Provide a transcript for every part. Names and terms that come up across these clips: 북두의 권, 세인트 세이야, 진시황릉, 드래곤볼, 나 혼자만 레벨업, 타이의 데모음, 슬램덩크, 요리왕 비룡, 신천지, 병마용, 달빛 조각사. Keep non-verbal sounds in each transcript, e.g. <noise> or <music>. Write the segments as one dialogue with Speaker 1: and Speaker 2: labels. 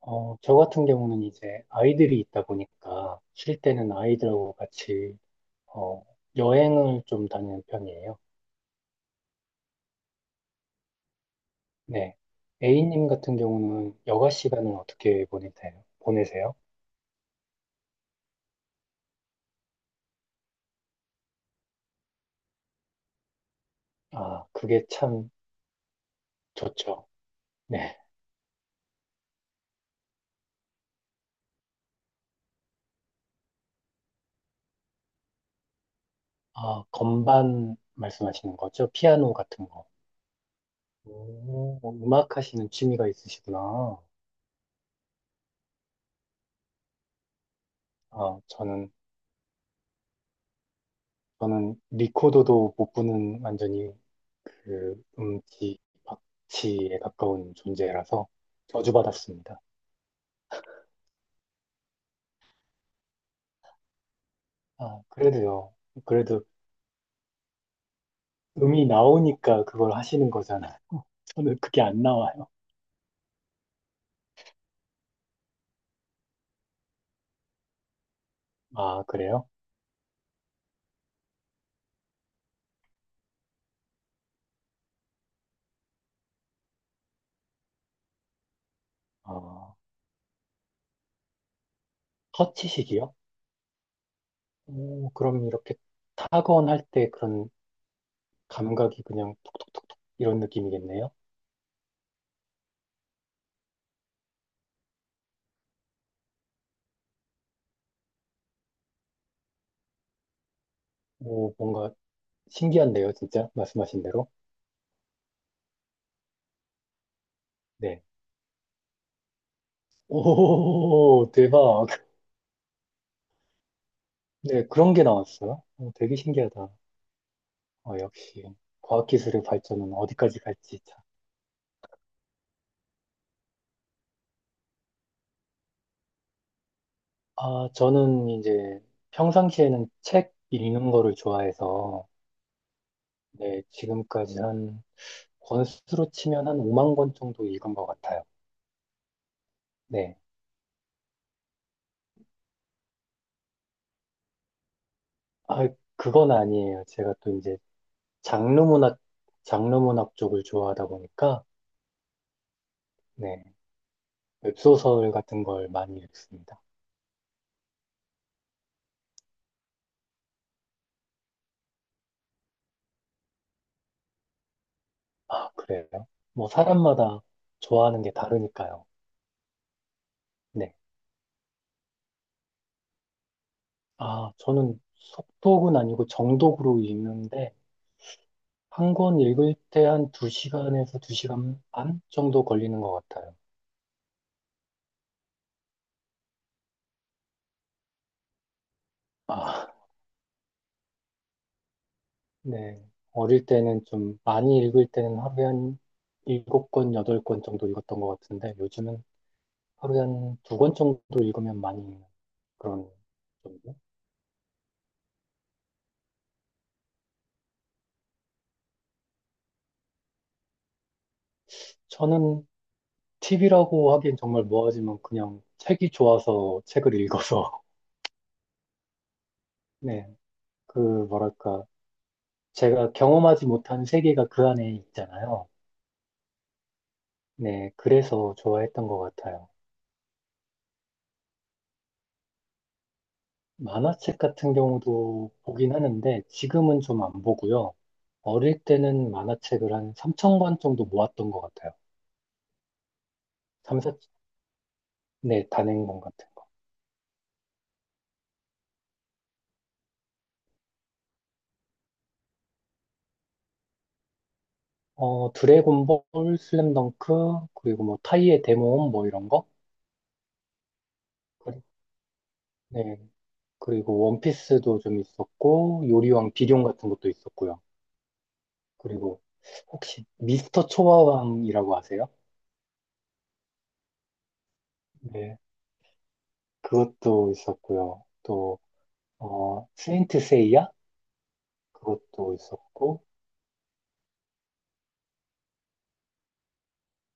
Speaker 1: 어, 저 같은 경우는 이제 아이들이 있다 보니까 쉴 때는 아이들하고 같이 어, 여행을 좀 다니는 편이에요. 네. A님 같은 경우는 여가 시간을 어떻게 보내세요? 아, 그게 참 좋죠. 네. 아, 건반 말씀하시는 거죠? 피아노 같은 거. 오, 음악 하시는 취미가 있으시구나. 아, 저는 리코더도 못 부는 완전히 그 음치, 박치에 가까운 존재라서 저주받았습니다. 아, 그래도요. 그래도 음이 나오니까 그걸 하시는 거잖아요. <laughs> 저는 그게 안 나와요. 아, 그래요? 어, 터치식이요? 오, 그럼 이렇게 타건할 때 그런 감각이 그냥 톡톡톡톡 이런 느낌이겠네요? 오, 뭔가 신기한데요, 진짜? 말씀하신 대로? 네. 오, 대박. 네, 그런 게 나왔어요. 어, 되게 신기하다. 어, 역시 과학기술의 발전은 어디까지 갈지. 참. 아, 저는 이제 평상시에는 책 읽는 거를 좋아해서 네, 지금까지 한 권수로 치면 한 5만 권 정도 읽은 것 같아요. 네. 아, 그건 아니에요. 제가 또 이제 장르 문학, 장르 문학 쪽을 좋아하다 보니까 네, 웹소설 같은 걸 많이 읽습니다. 아, 그래요? 뭐 사람마다 좋아하는 게 다르니까요. 네. 아, 저는 속독은 아니고 정독으로 읽는데, 한 권 읽을 때 한 두시간에서두시간반 정도 걸리는 것 같아요. 아, 네. 어릴 때는 좀 많이 읽을 때는 하루에 한 일곱 권 여덟 권 정도 읽었던 것 같은데, 요즘은 하루에 한 두 권 정도 읽으면 많이 읽는 그런 정도? 저는 팁이라고 하기엔 정말 뭐하지만 그냥 책이 좋아서 책을 읽어서, <laughs> 네. 그, 뭐랄까. 제가 경험하지 못한 세계가 그 안에 있잖아요. 네, 그래서 좋아했던 것 같아요. 만화책 같은 경우도 보긴 하는데 지금은 좀 안 보고요. 어릴 때는 만화책을 한 3천 권 정도 모았던 것 같아요. 3, 4, 네, 단행본 같은 거. 어, 드래곤볼, 슬램덩크, 그리고 뭐 타이의 데모음 뭐 이런 거. 그리- 네, 그리고 원피스도 좀 있었고 요리왕 비룡 같은 것도 있었고요. 그리고 혹시 미스터 초밥왕이라고 아세요? 네. 그것도 있었고요. 또, 어, 세인트 세이야? 그것도 있었고,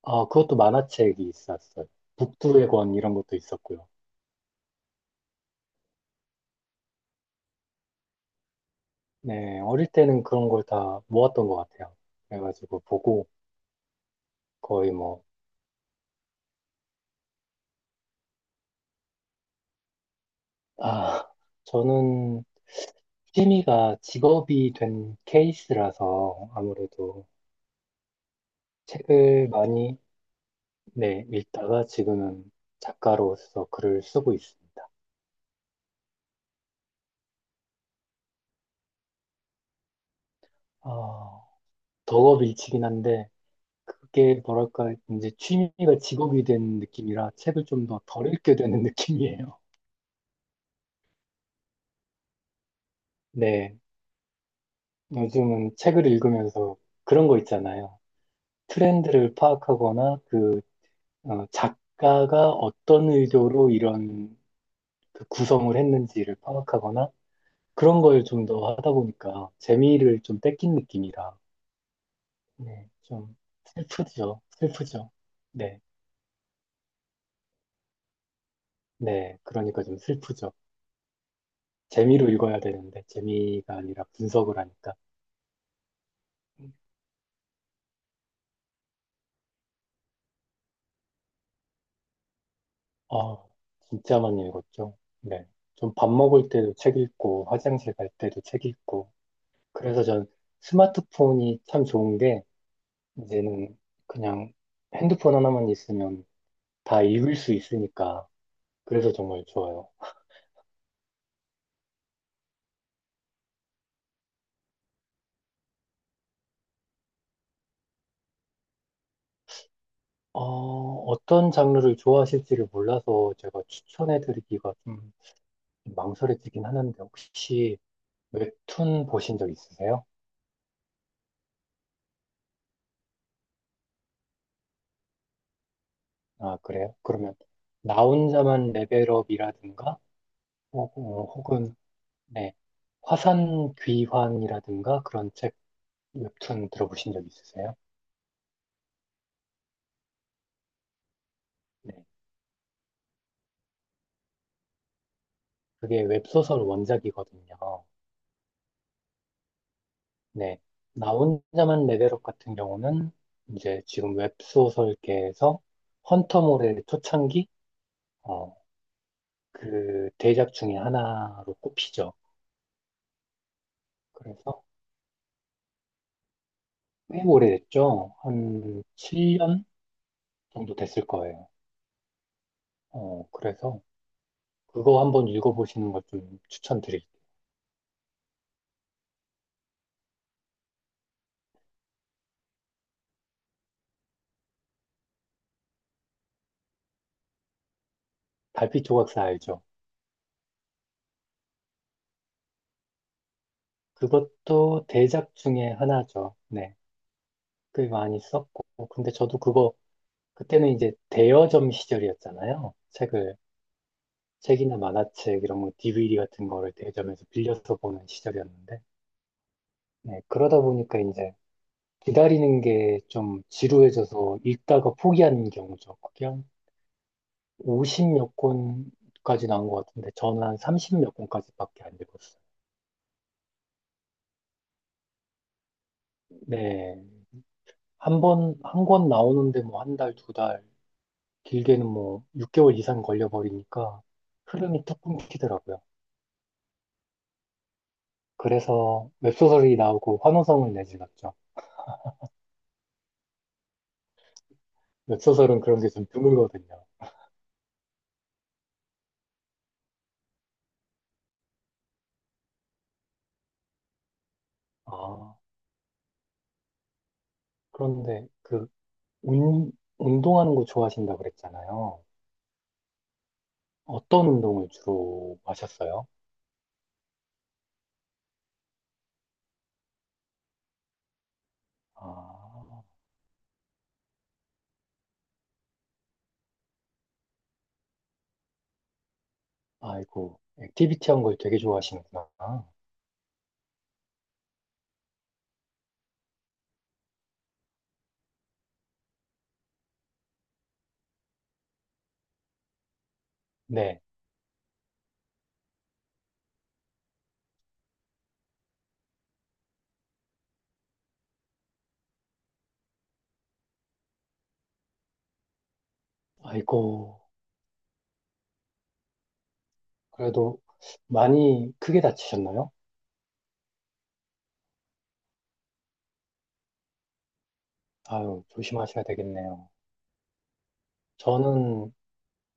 Speaker 1: 어 그것도 만화책이 있었어요. 북두의 권 이런 것도 있었고요. 네, 어릴 때는 그런 걸 다 모았던 것 같아요. 그래가지고 보고 거의 뭐, 아, 저는 취미가 직업이 된 케이스라서 아무래도 책을 많이, 네, 읽다가 지금은 작가로서 글을 쓰고 있습니다. 아, 덕업일치긴 한데, 그게 뭐랄까, 이제 취미가 직업이 된 느낌이라 책을 좀 더 덜 읽게 되는 <laughs> 느낌이에요. 네. 요즘은 책을 읽으면서 그런 거 있잖아요. 트렌드를 파악하거나 그 어, 작가가 어떤 의도로 이런 그 구성을 했는지를 파악하거나 그런 걸 좀 더 하다 보니까 재미를 좀 뺏긴 느낌이라. 네. 좀 슬프죠. 슬프죠. 네. 네. 그러니까 좀 슬프죠. 재미로 읽어야 되는데 재미가 아니라 분석을 하니까. 아, 진짜 많이 읽었죠. 네. 좀 밥 먹을 때도 책 읽고, 화장실 갈 때도 책 읽고. 그래서 전 스마트폰이 참 좋은 게, 이제는 그냥 핸드폰 하나만 있으면 다 읽을 수 있으니까. 그래서 정말 좋아요. 어, 어떤 장르를 좋아하실지를 몰라서 제가 추천해드리기가 좀 망설여지긴 하는데, 혹시 웹툰 보신 적 있으세요? 아, 그래요? 그러면, 나 혼자만 레벨업이라든가, 어, 혹은 네, 화산 귀환이라든가 그런 책 웹툰 들어보신 적 있으세요? 네, 그게 웹소설 원작이거든요. 네, 나 혼자만 레벨업 같은 경우는 이제 지금 웹소설계에서 헌터몰의 초창기 어, 그 대작 중에 하나로 꼽히죠. 그래서 꽤 오래됐죠. 한 7년 정도 됐을 거예요. 어, 그래서 그거 한번 읽어보시는 걸 좀 추천드릴게요. 달빛 조각사 알죠? 그것도 대작 중에 하나죠. 네. 꽤 많이 썼고. 근데 저도 그거, 그때는 이제 대여점 시절이었잖아요. 책을, 책이나 만화책, 이런 거, DVD 같은 거를 대여점에서 빌려서 보는 시절이었는데. 네. 그러다 보니까 이제 기다리는 게 좀 지루해져서 읽다가 포기하는 경우죠. 그게 한 50몇 권까지 나온 것 같은데, 저는 한 30몇 권까지밖에 안 읽었어요. 네. 한 번, 한 권 나오는데 뭐 한 달, 두 달, 길게는 뭐 6개월 이상 걸려버리니까 흐름이 뚝 끊기더라고요. 그래서 웹소설이 나오고 환호성을 내질렀죠. 웹소설은 그런 게 좀 드물거든요. 아, 그런데 그 운, 운동하는 거 좋아하신다고 그랬잖아요. 어떤 운동을 주로 하셨어요? 아, 아이고, 액티비티 한 걸 되게 좋아하시는구나. 네, 아이고, 그래도 많이 크게 다치셨나요? 아유, 조심하셔야 되겠네요. 저는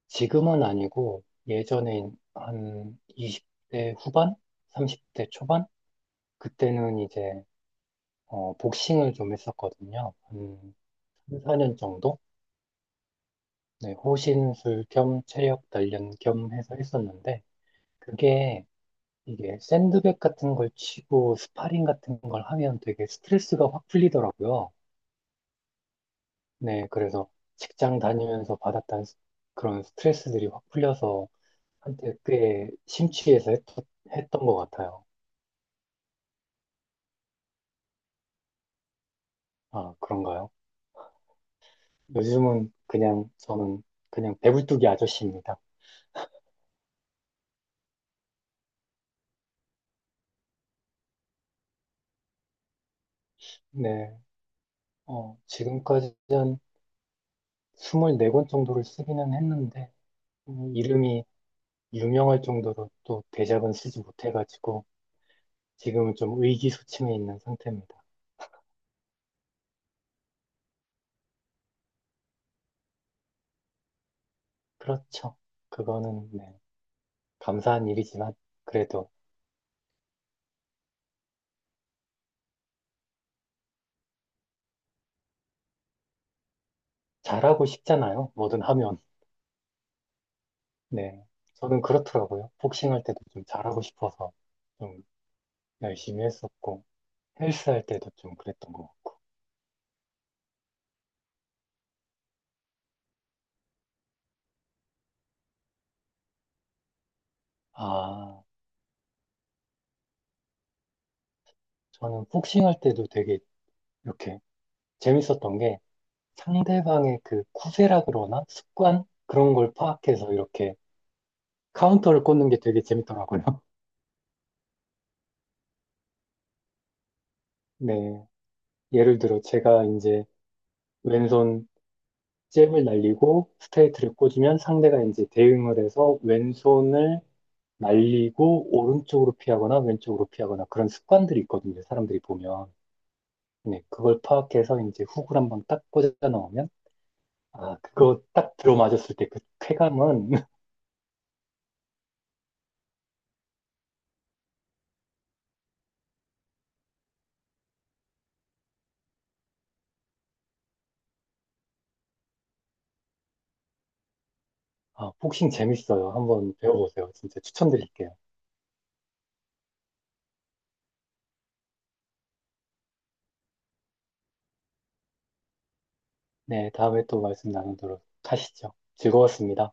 Speaker 1: 지금은 아니고 예전에 한 20대 후반, 30대 초반 그때는 이제 어, 복싱을 좀 했었거든요. 한 삼, 4년 정도? 네, 호신술 겸 체력 단련 겸 해서 했었는데 그게 이게 샌드백 같은 걸 치고 스파링 같은 걸 하면 되게 스트레스가 확 풀리더라고요. 네, 그래서 직장 다니면서 받았던 그런 스트레스들이 확 풀려서 한때 꽤 심취해서 했던 것 같아요. 아, 그런가요? 요즘은 그냥 저는 그냥 배불뚝이 아저씨입니다. 네. 어, 지금까지 한 24권 정도를 쓰기는 했는데 이름이 유명할 정도로 또 대작은 쓰지 못해가지고 지금은 좀 의기소침해 있는 상태입니다. 그렇죠. 그거는 네, 감사한 일이지만 그래도 잘하고 싶잖아요. 뭐든 하면. 네. 저는 그렇더라고요. 복싱할 때도 좀 잘하고 싶어서 좀 열심히 했었고. 헬스 할 때도 좀 그랬던 것 같고. 아, 저는 복싱 할 때도 되게 이렇게 재밌었던 게 상대방의 그 쿠세라 그러나 습관? 그런 걸 파악해서 이렇게 카운터를 꽂는 게 되게 재밌더라고요. <laughs> 네. 예를 들어 제가 이제 왼손 잽을 날리고 스트레이트를 꽂으면 상대가 이제 대응을 해서 왼손을 날리고 오른쪽으로 피하거나 왼쪽으로 피하거나 그런 습관들이 있거든요. 사람들이 보면. 네, 그걸 파악해서 이제 훅을 한번 딱 꽂아 넣으면, 아, 그거 딱 들어맞았을 때 그 쾌감은, <laughs> 아, 복싱 재밌어요. 한번 배워보세요. 진짜 추천드릴게요. 네, 다음에 또 말씀 나누도록 하시죠. 즐거웠습니다.